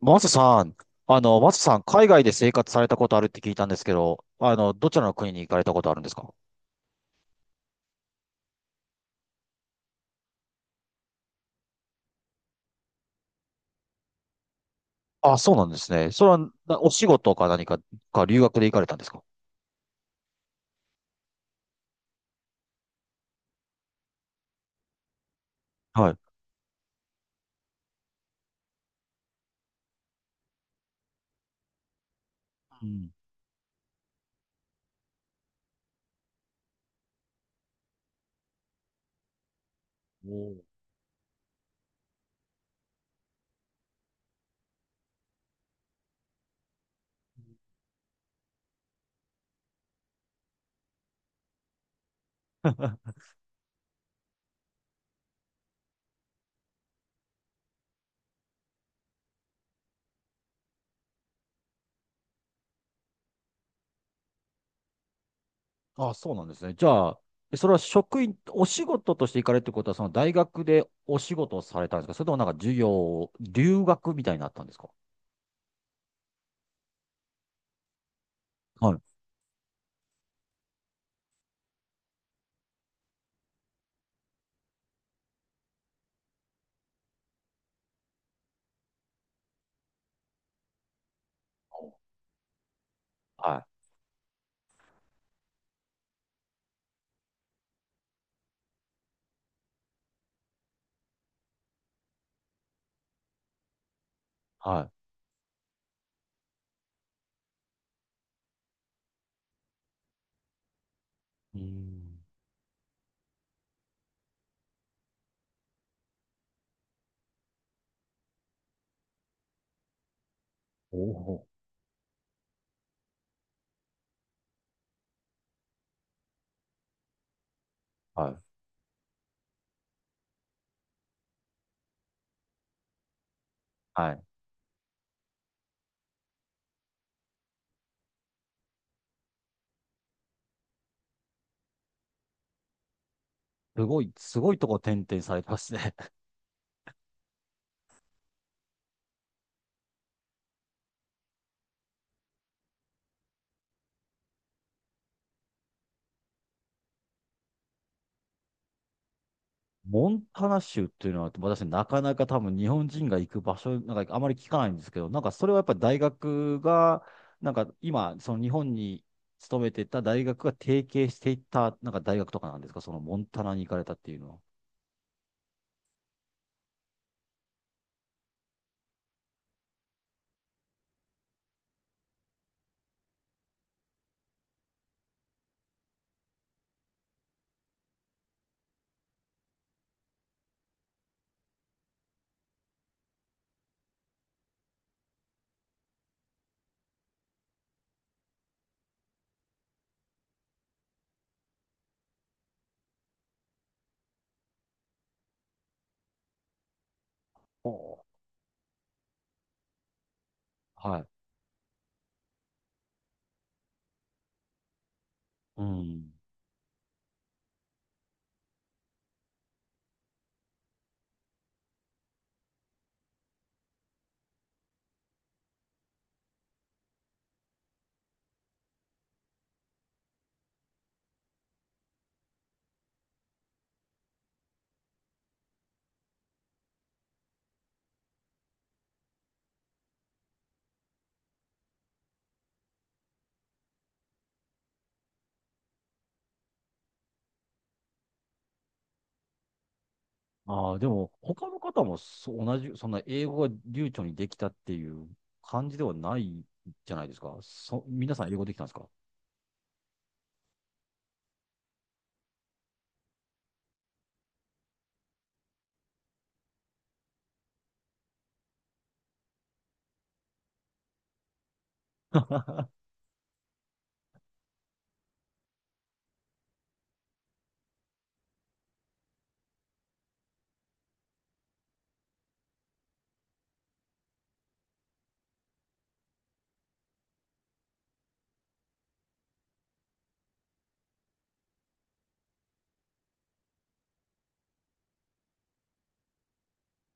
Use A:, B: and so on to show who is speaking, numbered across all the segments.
A: マサさん、マサさん、海外で生活されたことあるって聞いたんですけど、どちらの国に行かれたことあるんですか？あ、そうなんですね。それは、なお仕事か何か、か留学で行かれたんですか？はい。うん。おー。あ、そうなんですね。じゃあ、それは職員、お仕事として行かれるってことは、その大学でお仕事をされたんですか？それともなんか授業、留学みたいになったんですか？はい。はい。はい。うーん。おお。はい。はい。すごい、すごいとこ転々されてますね。モンタナ州っていうのは、私、なかなか多分日本人が行く場所、なんかあまり聞かないんですけど、なんかそれはやっぱり大学が、なんか今、その日本に勤めてた大学が提携していった、なんか大学とかなんですか、そのモンタナに行かれたっていうのは？おー。はい。うん。ああ、でも、他の方もそう同じ、そんな英語が流暢にできたっていう感じではないじゃないですか。皆さん英語できたんですか？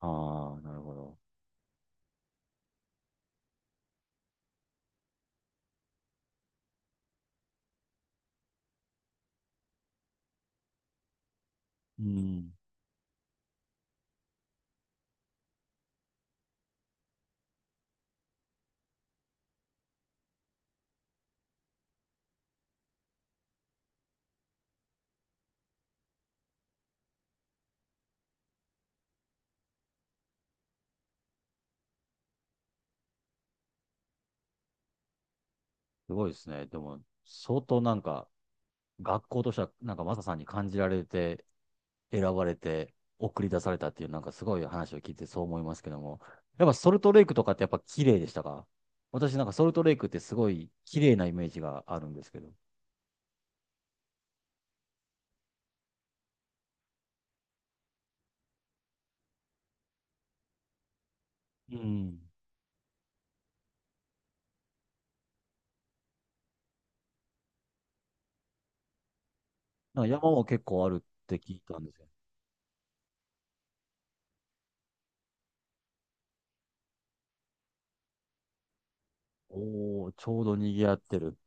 A: ああー、なるほど。うん。すごいですね。でも、相当なんか、学校としては、なんかマサさんに感じられて、選ばれて、送り出されたっていう、なんかすごい話を聞いてそう思いますけども。やっぱソルトレイクとかってやっぱ綺麗でしたか？私なんかソルトレイクってすごい綺麗なイメージがあるんですけど。うん。なんか山も結構あるって聞いたんですよ。おー、ちょうど賑わってる。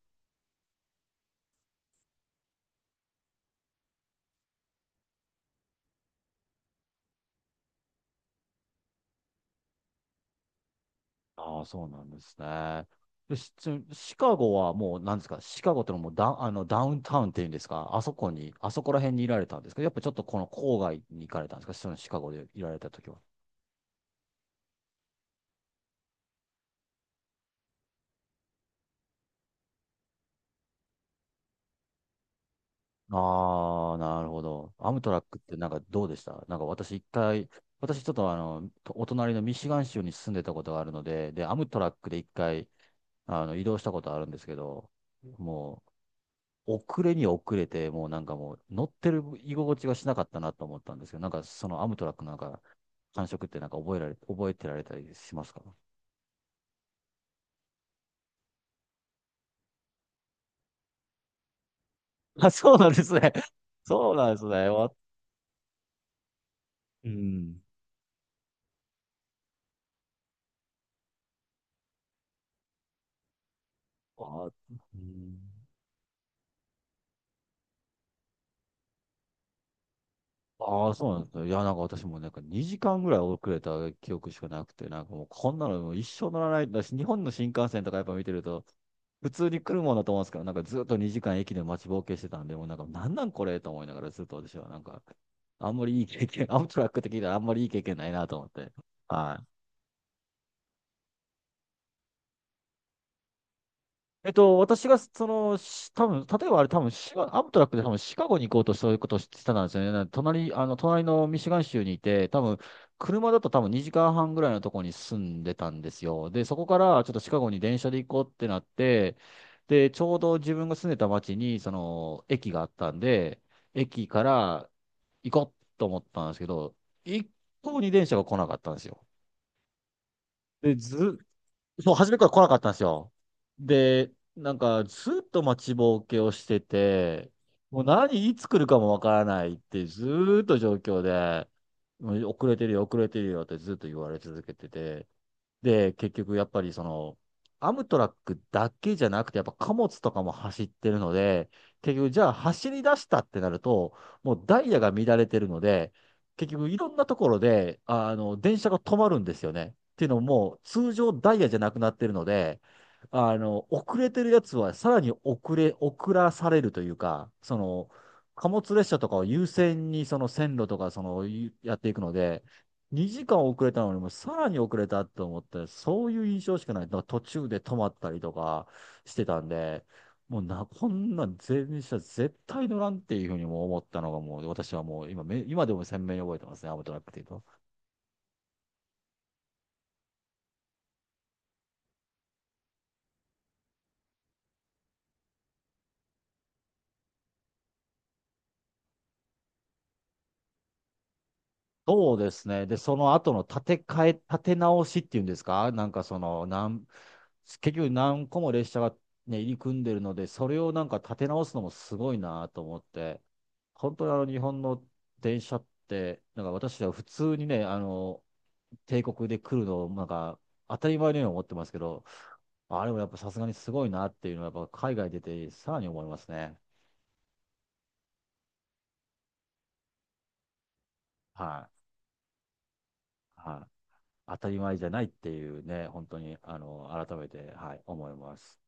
A: ああ、そうなんですね。で、シカゴはもう、なんですか、シカゴってのはもうダウンタウンっていうんですか、あそこに、あそこら辺にいられたんですか、やっぱちょっとこの郊外に行かれたんですか、そのシカゴでいられた時は？ああ、なるほど。アムトラックってなんかどうでした？なんか私一回、私ちょっとお隣のミシガン州に住んでたことがあるので、で、アムトラックで一回、移動したことあるんですけど、もう、遅れに遅れて、もうなんかもう乗ってる居心地がしなかったなと思ったんですけど、なんかそのアムトラックなんか感触ってなんか覚えてられたりしますか？あ、そうなんですね。そうなんですね。わうん。あ、うん。ああ、そうなんですね。いや、なんか私もなんか2時間ぐらい遅れた記憶しかなくて、なんかもうこんなのもう一生乗らないんだし、日本の新幹線とかやっぱ見てると、普通に来るもんだと思うんですけど、なんかずっと2時間駅で待ちぼうけしてたんで、もうなんかなんなんこれと思いながらずっと私はなんか、あんまりいい経験、アムトラックって聞いたらあんまりいい経験ないなと思って。はい。私が、その、多分、例えばあれ、多分、アムトラックで多分、シカゴに行こうとそういうことをしてたんですよね。なんで隣のミシガン州にいて、多分、車だと多分2時間半ぐらいのところに住んでたんですよ。で、そこからちょっとシカゴに電車で行こうってなって、で、ちょうど自分が住んでた町に、その、駅があったんで、駅から行こうと思ったんですけど、一向に電車が来なかったんですよ。で、ず、そう、初めから来なかったんですよ。で、なんか、ずっと待ちぼうけをしてて、もう何、いつ来るかもわからないって、ずーっと状況で、もう遅れてるよ、遅れてるよってずっと言われ続けてて、で、結局やっぱりその、アムトラックだけじゃなくて、やっぱ貨物とかも走ってるので、結局じゃあ走り出したってなると、もうダイヤが乱れてるので、結局いろんなところで、電車が止まるんですよね。っていうのも、もう通常ダイヤじゃなくなってるので、遅れてるやつはさらに遅らされるというか、その、貨物列車とかを優先にその線路とかその、やっていくので、2時間遅れたのにもさらに遅れたと思って、そういう印象しかない。だから途中で止まったりとかしてたんで、もうな、こんなん電車絶対乗らんっていうふうにも思ったのがもう私はもう今でも鮮明に覚えてますね、アムトラックっていうと。そうですね。で、その後の建て直しっていうんですか？なんかその、なん、結局何個も列車がね、入り組んでるので、それをなんか建て直すのもすごいなと思って、本当にあの日本の電車って、なんか私は普通にね、帝国で来るのをなんか当たり前のように思ってますけど、あれもやっぱさすがにすごいなっていうのはやっぱ海外出てさらに思いますね。はい。はい。当たり前じゃないっていうね、本当に、改めて、はい、思います。